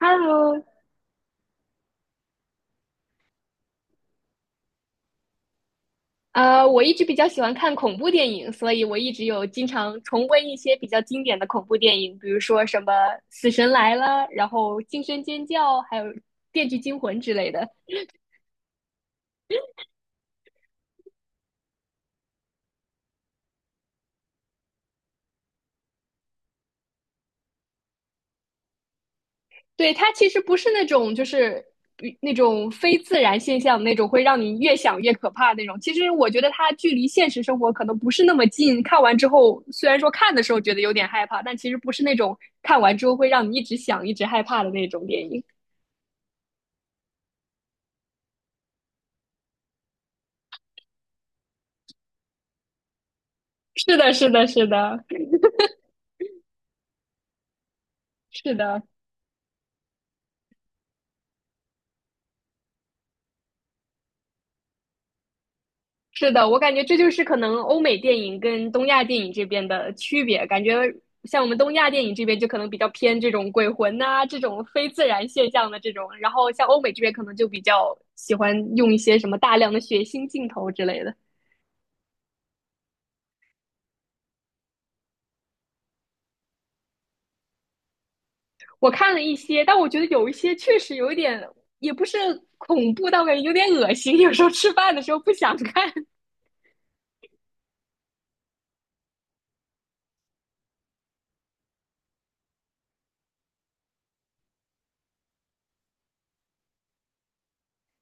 Hello，我一直比较喜欢看恐怖电影，所以我一直有经常重温一些比较经典的恐怖电影，比如说什么《死神来了》，然后《惊声尖叫》，还有《电锯惊魂》之类的。对，它其实不是那种就是比那种非自然现象那种会让你越想越可怕的那种。其实我觉得它距离现实生活可能不是那么近，看完之后虽然说看的时候觉得有点害怕，但其实不是那种看完之后会让你一直想、一直害怕的那种电影。是的，是的，是的。是的，是的，我感觉这就是可能欧美电影跟东亚电影这边的区别。感觉像我们东亚电影这边就可能比较偏这种鬼魂呐、这种非自然现象的这种，然后像欧美这边可能就比较喜欢用一些什么大量的血腥镜头之类的。我看了一些，但我觉得有一些确实有一点，也不是恐怖，但我感觉有点恶心。有时候吃饭的时候不想看。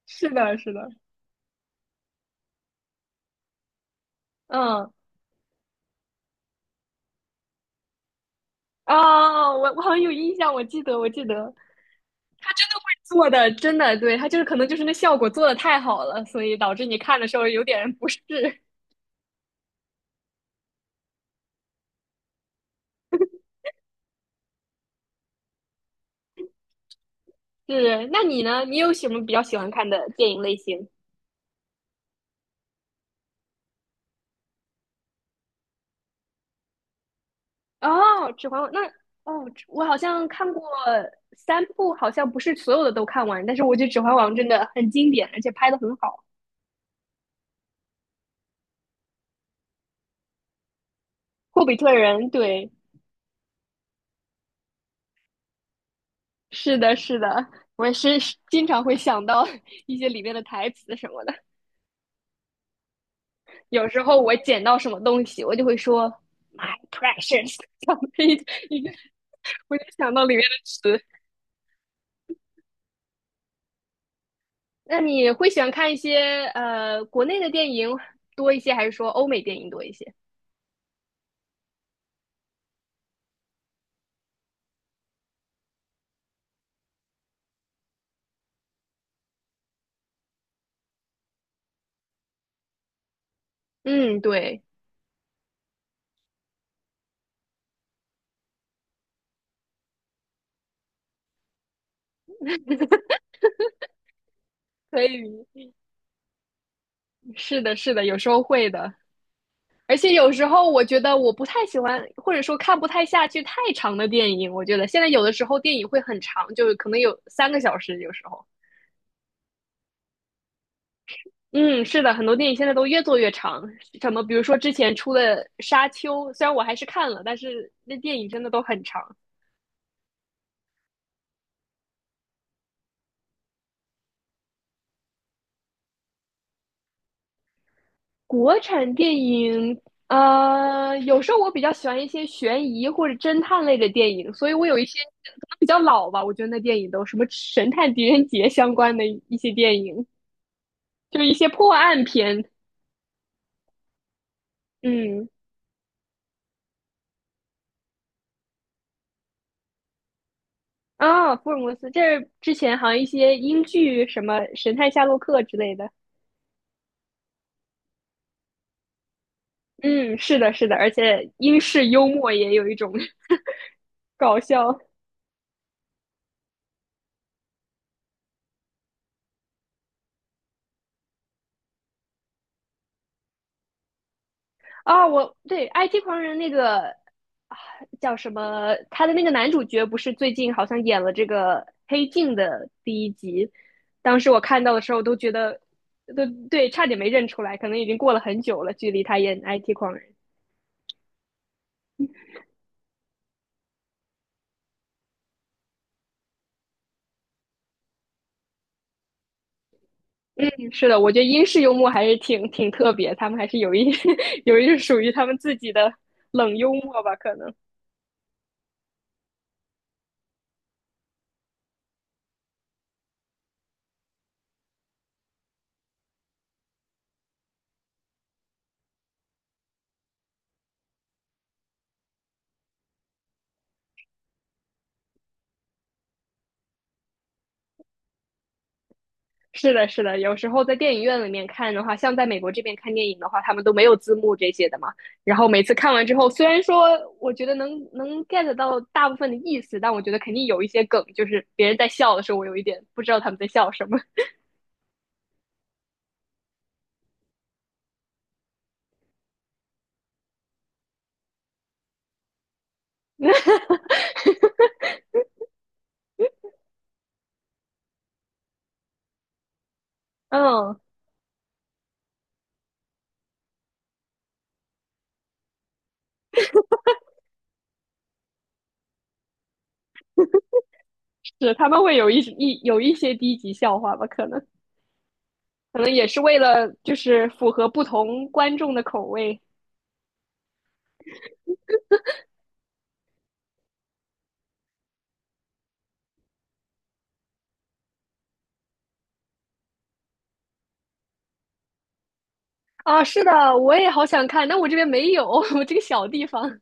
是的，是的。嗯。啊，我好像有印象，我记得，我记得。他真的会做的，真的，对，他就是可能就是那效果做的太好了，所以导致你看的时候有点不适。是。那你呢？你有什么比较喜欢看的电影类型？哦，《指环王》那哦，我好像看过三部，好像不是所有的都看完，但是我觉得《指环王》真的很经典，而且拍的很好。《霍比特人》对。是的，是的，我也是经常会想到 一些里面的台词什么的。有时候我捡到什么东西，我就会说 “my precious”，我就想到里面的词。那你会喜欢看一些国内的电影多一些，还是说欧美电影多一些？嗯，对。可以。是的，是的，有时候会的。而且有时候我觉得我不太喜欢，或者说看不太下去太长的电影。我觉得现在有的时候电影会很长，就是可能有三个小时，有时候。嗯，是的，很多电影现在都越做越长，什么比如说之前出的《沙丘》，虽然我还是看了，但是那电影真的都很长。国产电影，有时候我比较喜欢一些悬疑或者侦探类的电影，所以我有一些可能比较老吧，我觉得那电影都什么《神探狄仁杰》相关的一些电影，就是一些破案片。嗯。啊，福尔摩斯，这之前好像一些英剧，什么《神探夏洛克》之类的。嗯，是的，是的，而且英式幽默也有一种 搞笑啊。我对《IT 狂人》那个啊叫什么，他的那个男主角不是最近好像演了这个《黑镜》的第一集，当时我看到的时候都觉得，都对，差点没认出来，可能已经过了很久了，距离他演《IT 狂人》。嗯是的，我觉得英式幽默还是挺特别，他们还是有一种属于他们自己的冷幽默吧，可能。是的，是的，有时候在电影院里面看的话，像在美国这边看电影的话，他们都没有字幕这些的嘛。然后每次看完之后，虽然说我觉得能 get 到大部分的意思，但我觉得肯定有一些梗，就是别人在笑的时候，我有一点不知道他们在笑什么。嗯，是他们会有一些低级笑话吧，可能可能也是为了就是符合不同观众的口味啊。是的，我也好想看，但我这边没有，我这个小地方。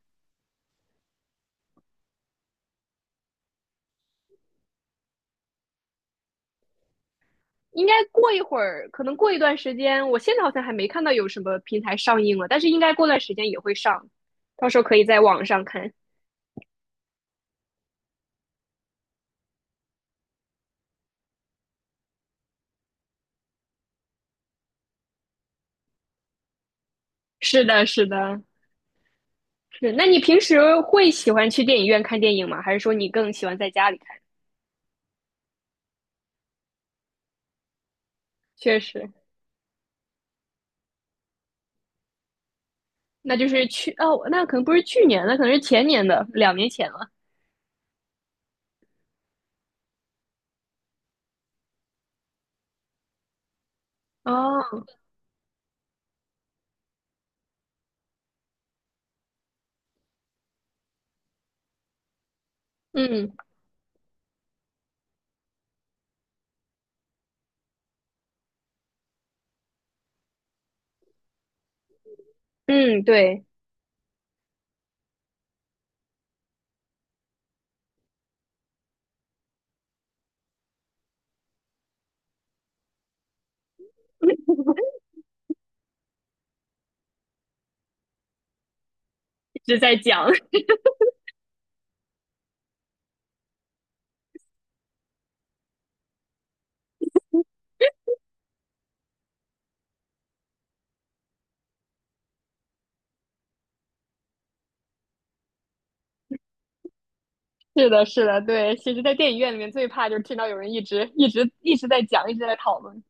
应该过一会儿，可能过一段时间，我现在好像还没看到有什么平台上映了，但是应该过段时间也会上，到时候可以在网上看。是的，是的，是。那你平时会喜欢去电影院看电影吗？还是说你更喜欢在家里看？确实。那就是去哦，那可能不是去年的，可能是前年的，两年前了。哦。嗯。嗯，对，一直在讲。是的，是的，对。其实，在电影院里面最怕就是听到有人一直在讲，一直在讨论。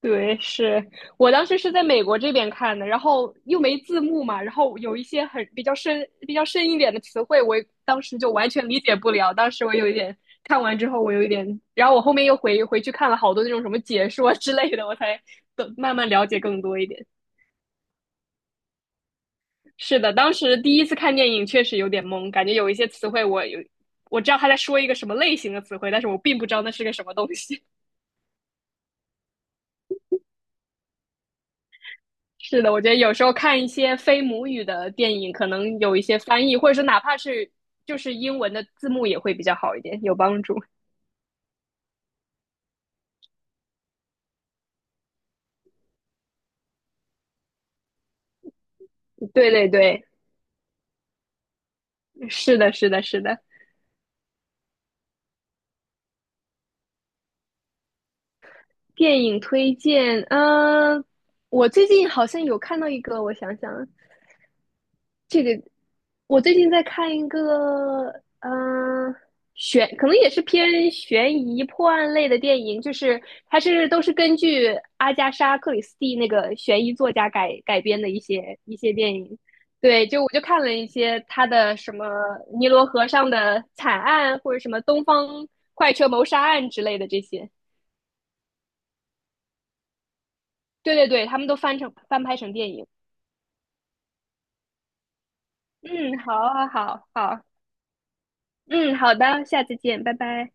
对，是。我当时是在美国这边看的，然后又没字幕嘛，然后有一些很比较深、比较深一点的词汇，我当时就完全理解不了。当时我有一点看完之后，我有一点，然后我后面又回去看了好多那种什么解说之类的，我才懂慢慢了解更多一点。是的，当时第一次看电影确实有点懵，感觉有一些词汇我知道他在说一个什么类型的词汇，但是我并不知道那是个什么东西。是的，我觉得有时候看一些非母语的电影，可能有一些翻译，或者是哪怕是就是英文的字幕也会比较好一点，有帮助。对对对。是的，是的，是的。电影推荐，我最近好像有看到一个，我想想，这个我最近在看一个，嗯、可能也是偏悬疑破案类的电影，就是它是都是根据阿加莎·克里斯蒂那个悬疑作家改编的一些电影。对，就我就看了一些他的什么尼罗河上的惨案，或者什么东方快车谋杀案之类的这些。对对对，他们都翻拍成电影。嗯，好，好，好，好。嗯，好的，下次见，拜拜。